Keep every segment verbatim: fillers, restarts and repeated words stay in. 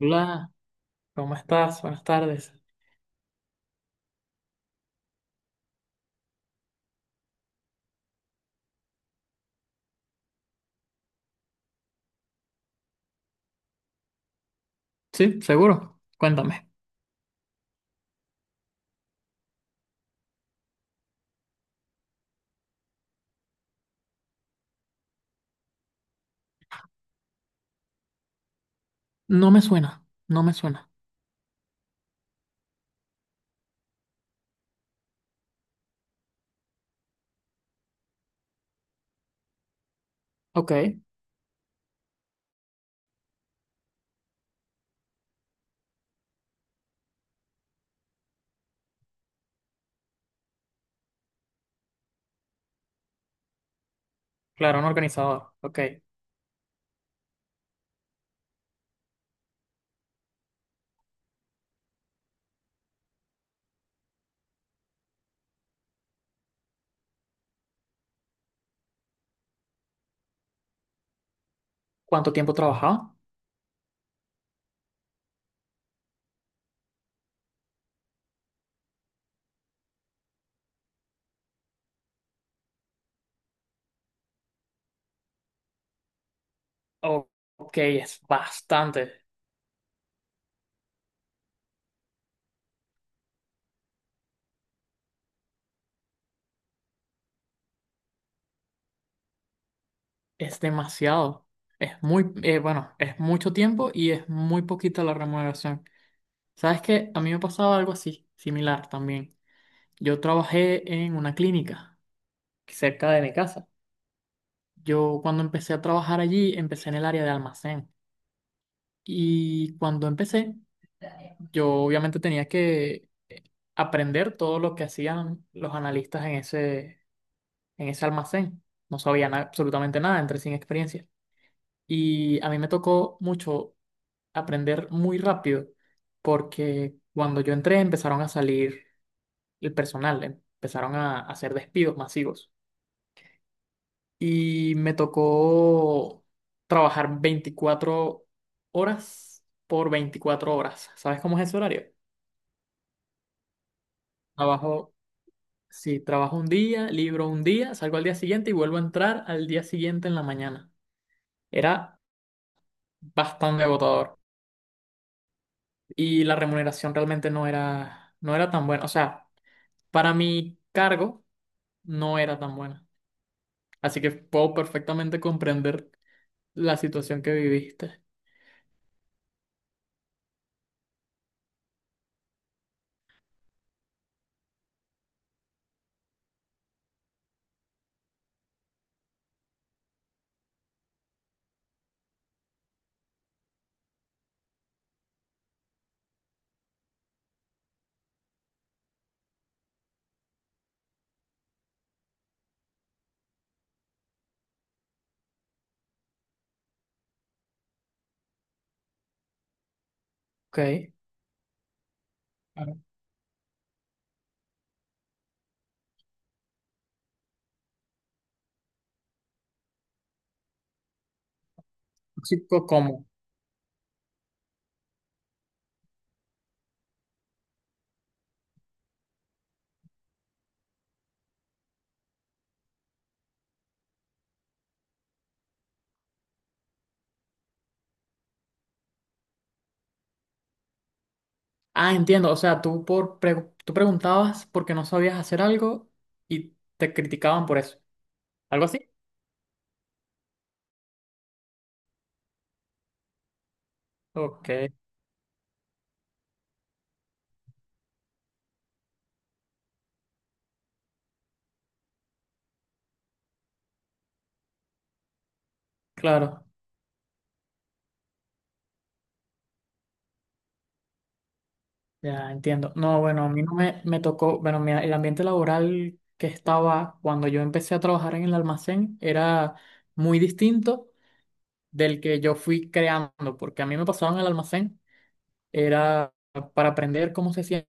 Hola, ¿cómo estás? Buenas tardes. Sí, seguro. Cuéntame. No me suena, no me suena. Ok, claro, un organizador. Ok. ¿Cuánto tiempo trabajaba? O- Ok, es bastante, es demasiado. Es muy, eh, bueno, es mucho tiempo y es muy poquita la remuneración. ¿Sabes qué? A mí me pasaba algo así, similar también. Yo trabajé en una clínica cerca de mi casa. Yo cuando empecé a trabajar allí, empecé en el área de almacén. Y cuando empecé, yo obviamente tenía que aprender todo lo que hacían los analistas en ese, en ese almacén. No sabían absolutamente nada, entré sin experiencia. Y a mí me tocó mucho aprender muy rápido, porque cuando yo entré empezaron a salir el personal, empezaron a hacer despidos masivos. Y me tocó trabajar veinticuatro horas por veinticuatro horas. ¿Sabes cómo es ese horario? Trabajo, sí, trabajo un día, libro un día, salgo al día siguiente y vuelvo a entrar al día siguiente en la mañana. Era bastante agotador y la remuneración realmente no era, no era tan buena. O sea, para mi cargo no era tan buena. Así que puedo perfectamente comprender la situación que viviste. Ok. Claro. Tóxico, ¿cómo? Ah, entiendo. O sea, tú, por pre- tú preguntabas por qué no sabías hacer algo y te criticaban por eso. ¿Algo así? Ok, claro. Ya entiendo. No, bueno, a mí no me, me tocó, bueno, mi- el ambiente laboral que estaba cuando yo empecé a trabajar en el almacén era muy distinto del que yo fui creando, porque a mí me pasaba en el almacén, era para aprender cómo se hacían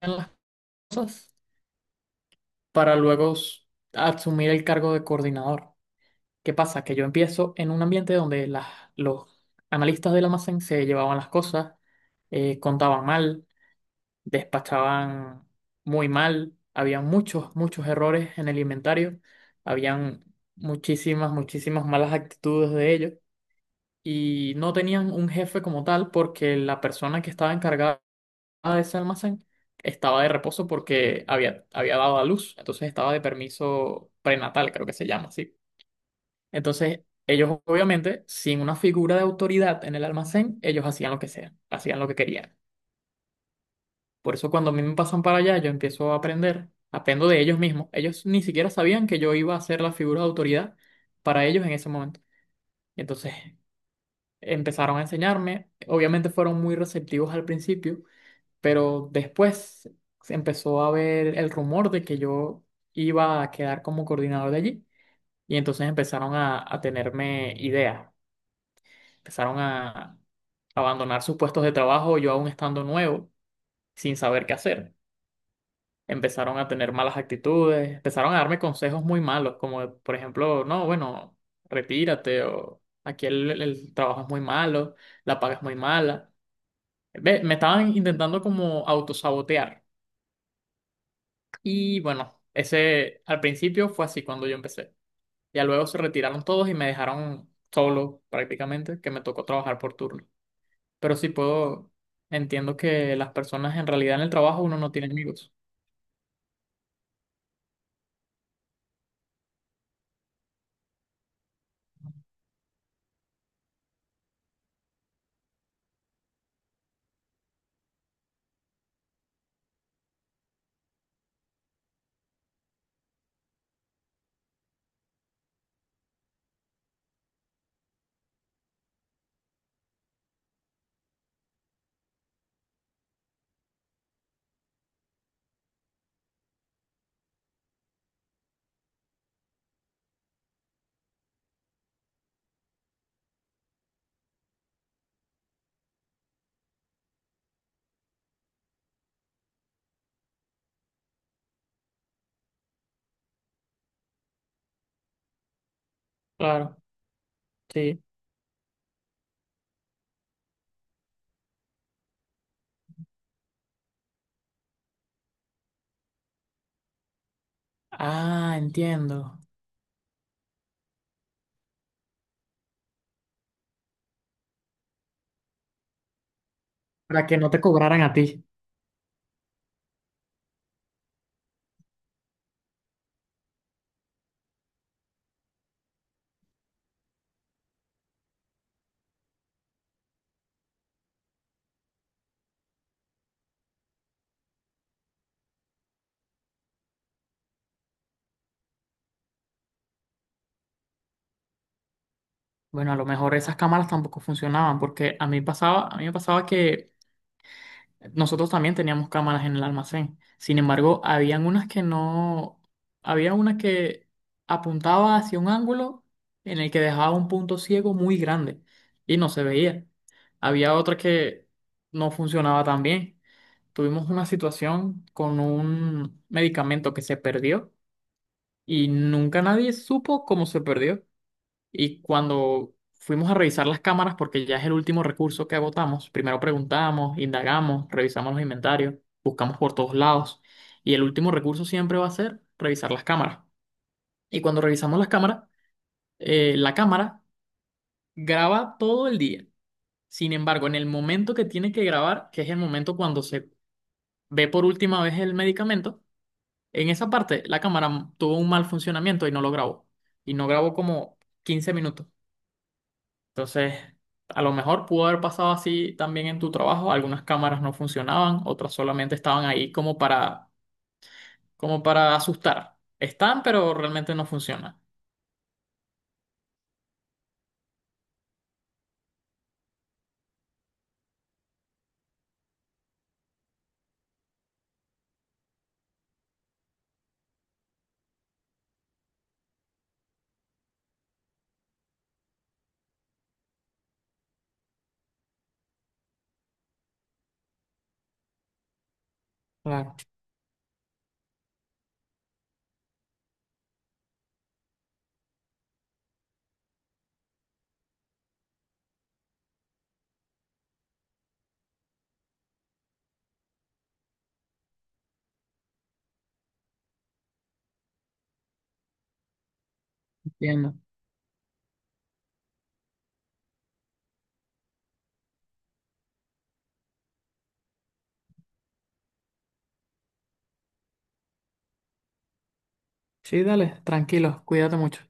las cosas, para luego s- asumir el cargo de coordinador. ¿Qué pasa? Que yo empiezo en un ambiente donde las, los analistas del almacén se llevaban las cosas, eh, contaban mal despachaban muy mal, había muchos, muchos errores en el inventario, habían muchísimas, muchísimas malas actitudes de ellos y no tenían un jefe como tal porque la persona que estaba encargada de ese almacén estaba de reposo porque había, había dado a luz, entonces estaba de permiso prenatal, creo que se llama así. Entonces, ellos obviamente, sin una figura de autoridad en el almacén, ellos hacían lo que sea, hacían lo que querían. Por eso cuando a mí me pasan para allá, yo empiezo a aprender, aprendo de ellos mismos. Ellos ni siquiera sabían que yo iba a ser la figura de autoridad para ellos en ese momento. Entonces empezaron a enseñarme, obviamente fueron muy receptivos al principio, pero después se empezó a ver el rumor de que yo iba a quedar como coordinador de allí y entonces empezaron a, a tenerme ideas, empezaron a abandonar sus puestos de trabajo, yo aún estando nuevo, sin saber qué hacer. Empezaron a tener malas actitudes, empezaron a darme consejos muy malos, como por ejemplo, no, bueno, retírate o aquí el, el trabajo es muy malo, la paga es muy mala. Ve, me estaban intentando como autosabotear. Y bueno, ese al principio fue así cuando yo empecé. Ya luego se retiraron todos y me dejaron solo prácticamente, que me tocó trabajar por turno. Pero sí puedo, entiendo que las personas en realidad en el trabajo uno no tiene amigos. Claro, sí. Ah, entiendo. Para que no te cobraran a ti. Bueno, a lo mejor esas cámaras tampoco funcionaban, porque a mí pasaba, a mí me pasaba que nosotros también teníamos cámaras en el almacén. Sin embargo, habían unas que no, había una que apuntaba hacia un ángulo en el que dejaba un punto ciego muy grande y no se veía. Había otra que no funcionaba tan bien. Tuvimos una situación con un medicamento que se perdió y nunca nadie supo cómo se perdió. Y cuando fuimos a revisar las cámaras, porque ya es el último recurso que agotamos, primero preguntamos, indagamos, revisamos los inventarios, buscamos por todos lados. Y el último recurso siempre va a ser revisar las cámaras. Y cuando revisamos las cámaras, eh, la cámara graba todo el día. Sin embargo, en el momento que tiene que grabar, que es el momento cuando se ve por última vez el medicamento, en esa parte la cámara tuvo un mal funcionamiento y no lo grabó. Y no grabó como quince minutos. Entonces, a lo mejor pudo haber pasado así también en tu trabajo. Algunas cámaras no funcionaban, otras solamente estaban ahí como para, como para asustar. Están, pero realmente no funcionan. Claro, entiendo. Sí, dale, tranquilo, cuídate mucho.